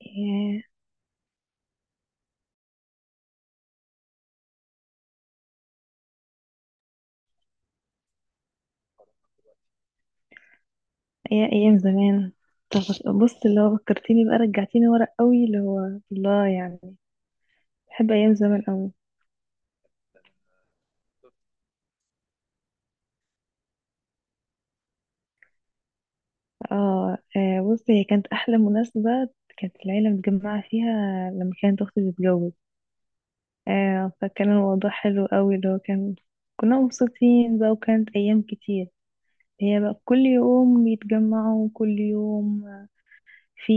ياه، يا ايام زمان. طب بص اللي هو فكرتيني بقى، رجعتيني ورا قوي اللي هو الله يعني. بحب ايام زمان قوي. بص، هي كانت احلى مناسبة كانت العيلة متجمعة فيها لما كانت اختي بتتجوز. آه، فكان الموضوع حلو قوي، اللي هو كان كنا مبسوطين بقى، وكانت ايام كتير. هي بقى كل يوم بيتجمعوا، كل يوم في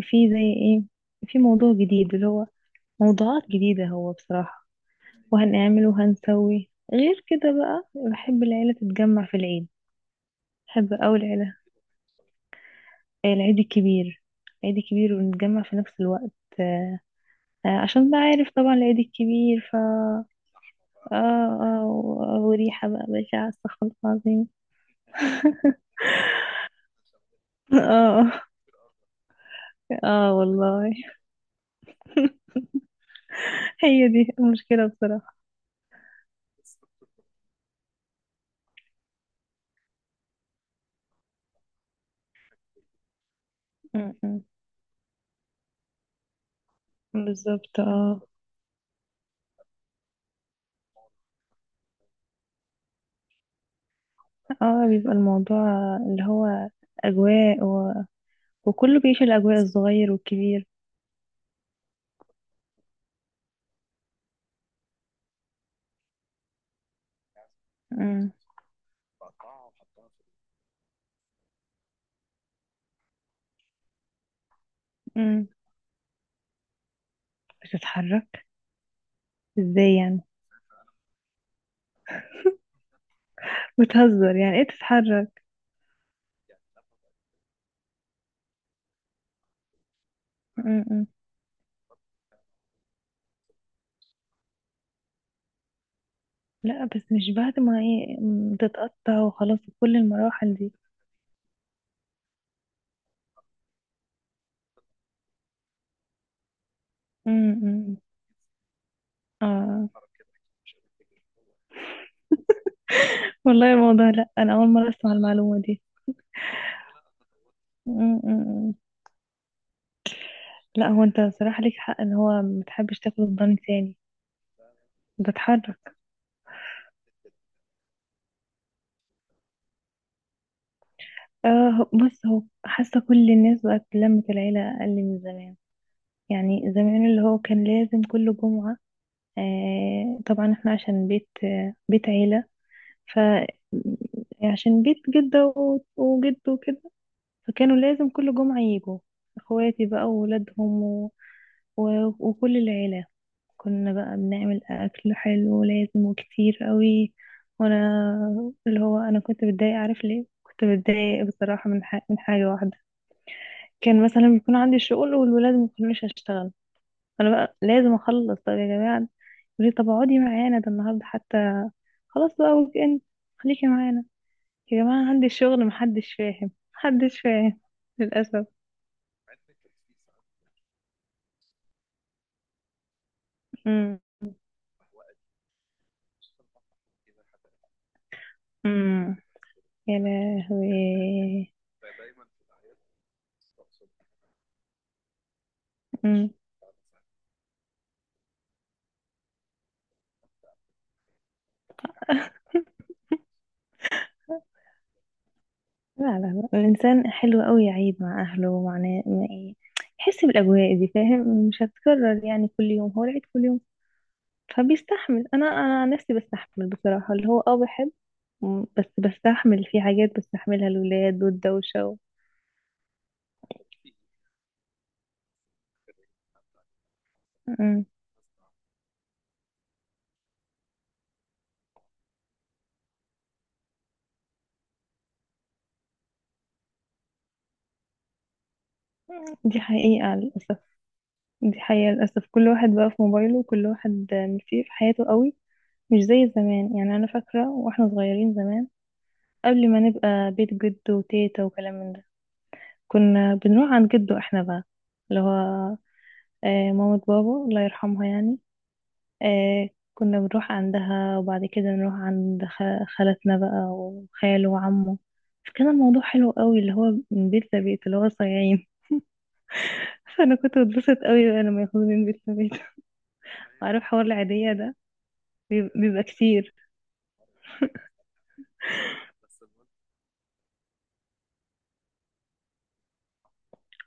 في زي ايه، في موضوع جديد، اللي هو موضوعات جديدة هو بصراحة. وهنعمل وهنسوي غير كده بقى، بحب العيلة تتجمع في العيد. بحب أوي العيلة. العيد الكبير. العيد الكبير، ونتجمع في نفس الوقت. آه، عشان بقى عارف طبعا العيد الكبير ف اه. اه و- وريحة بقى بشعة، استغفر الله العظيم. اه. اه والله، هي دي المشكلة بصراحة. م- م. بالظبط اه. اه بيبقى الموضوع اللي هو أجواء و... وكله بيعيش الأجواء، الصغير والكبير. م- م. بتتحرك. ازاي يعني؟ بتهزر؟ يعني ايه تتحرك؟ م- م. لا بس مش بعد ما ايه تتقطع وخلاص، كل المراحل دي؟ م- م. اه والله، الموضوع لا، انا اول مرة اسمع المعلومة دي. م- م- م. لا، هو انت صراحة ليك حق ان هو متحبش تاكل الضن تاني. بتحرك. اه بص، هو حاسة كل الناس بقت لمة العيلة اقل من زمان. يعني زمان اللي هو كان لازم كل جمعة. آه طبعا احنا عشان بيت عيلة. ف عشان بيت جدة وجد وكده. فكانوا لازم كل جمعة يجوا. اخواتي بقى وولادهم و... و... وكل العيلة. كنا بقى بنعمل اكل حلو لازم وكتير قوي. وانا اللي هو انا كنت بتضايق. عارف ليه كنت بتضايق بصراحة؟ من من حاجة واحدة. كان مثلا بيكون عندي شغل والولاد ما كانوش هشتغل، انا بقى لازم اخلص. طب يا جماعة، يقولي طب اقعدي معانا، ده النهاردة حتى خلاص بقى ويك اند، خليكي معانا. يا جماعة عندي شغل، محدش فاهم، محدش فاهم، للأسف. امم. امم. يا لهوي. امم. لا لا، لا الإنسان حلو قوي يعيد مع أهله ومع مع إيه، يحس بالأجواء دي، فاهم؟ مش هتكرر يعني، كل يوم هو العيد كل يوم. فبيستحمل. أنا عن نفسي بستحمل بصراحة، اللي هو أه بحب. مم، بس بستحمل في حاجات بستحملها، الولاد والدوشة و... مم. دي حقيقة للأسف. دي حقيقة للأسف، كل واحد بقى في موبايله وكل واحد مشي في حياته قوي. مش زي زمان. يعني أنا فاكرة واحنا صغيرين زمان، قبل ما نبقى بيت جد وتيتا وكلام من ده، كنا بنروح عند جده احنا بقى، اللي هو آه، مامة بابا الله يرحمها يعني. آه، كنا بنروح عندها وبعد كده نروح عند خالتنا بقى وخاله وعمه. فكان الموضوع حلو قوي، اللي هو من بيت لبيت، اللي هو صايعين. فأنا كنت بتبسط قوي بقى لما ياخدوني من بيت لبيت. عارف حوار العيدية ده؟ بيبقى كتير.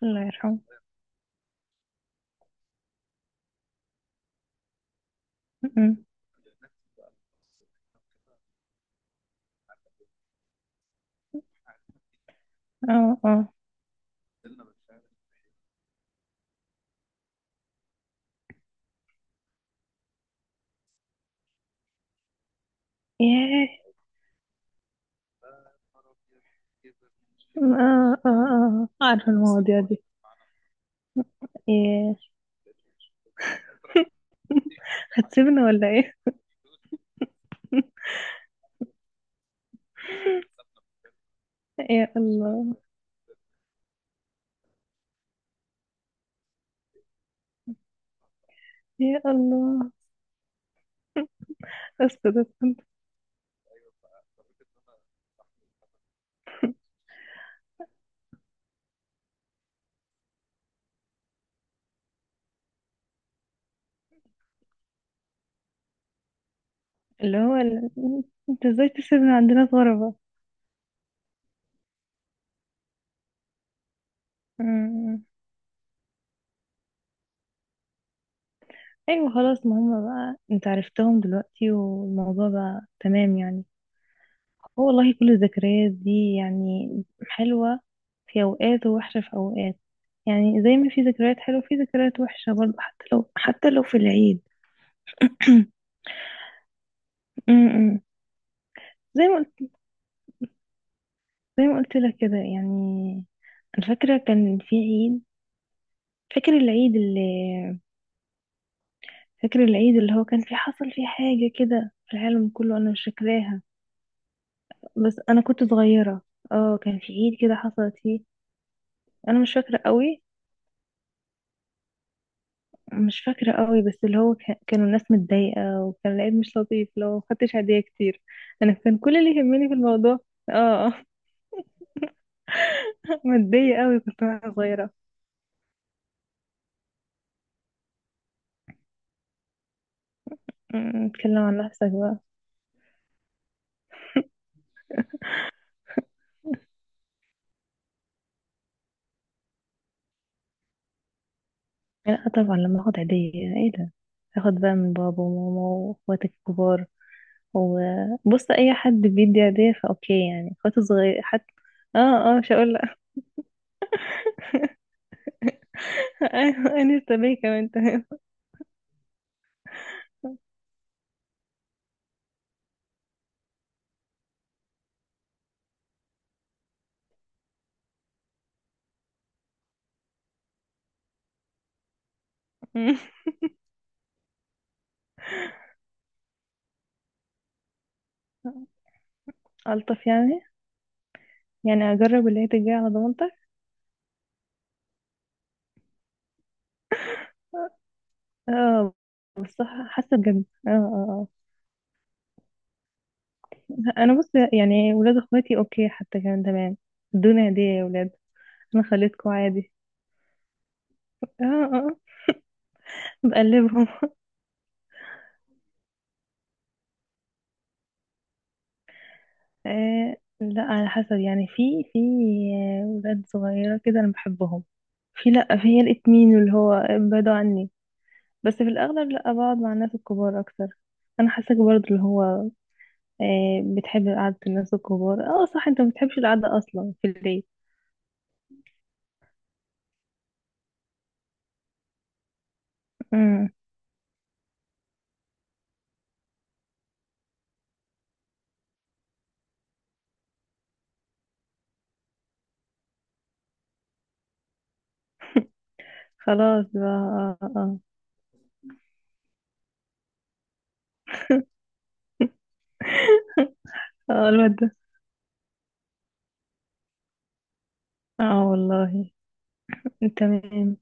الله يرحمه. م- م. اه اه. ياه. آه آه آه، عارفة المواضيع دي. إيه، هتسيبنا ولا إيه؟ يا الله، يا الله. أستاذ. اللي هو ال... أنت إزاي تسيبنا عندنا في غربة؟ أمم. أيوة خلاص، ما هما بقى أنت عرفتهم دلوقتي، والموضوع بقى تمام يعني. هو والله كل الذكريات دي يعني حلوة في أوقات، ووحشة في أوقات. يعني زي ما في ذكريات حلوة، في ذكريات وحشة برضه، حتى لو، حتى لو في العيد. أمم. زي ما، زي ما قلت لك كده يعني. انا فاكره كان في عيد. فاكر العيد اللي فاكر العيد اللي هو كان في، حصل فيه حاجه كده في العالم كله، انا مش فاكراها. بس انا كنت صغيره. اه كان في عيد كده حصلت فيه. انا مش فاكره قوي، مش فاكره قوي، بس اللي هو كان كانوا الناس متضايقه، وكان العيد مش لطيف لو ما خدتش هديه كتير. انا كان كل اللي يهمني في الموضوع اه. ماديه قوي كنت وانا صغيره. أمم، اتكلم عن نفسك بقى. لا طبعا لما اخد عيدية، ايه ده. اخد بقى من بابا وماما، واخواتي الكبار. وبص اي حد بيدي عيدية فاوكي يعني، اخواتي الصغير حتى. اه اه، مش هقول لا. ايوه انا لسه بيه كمان، تمام. الطف يعني. يعني اجرب اللي هي تجي على ضمانتك. اه بس حاسه بجد. اه اه اه. انا بص يعني ولاد اخواتي اوكي حتى كمان تمام. ادوني هديه يا ولاد، انا خليتكم عادي. اه اه آه. بقلبهم. آه لا على حسب يعني، في آه، ولاد صغيرة كده أنا بحبهم. في، لا في هي الاتنين اللي هو بعدوا عني. بس في الأغلب لا، بقعد مع الناس الكبار أكتر. أنا حاساك برضه اللي هو آه بتحب قعدة الناس الكبار. اه صح، انت ما بتحبش القعدة أصلا في البيت. امم. خلاص بقى اه اه. اه آه، الواد ده. اه والله. تمام.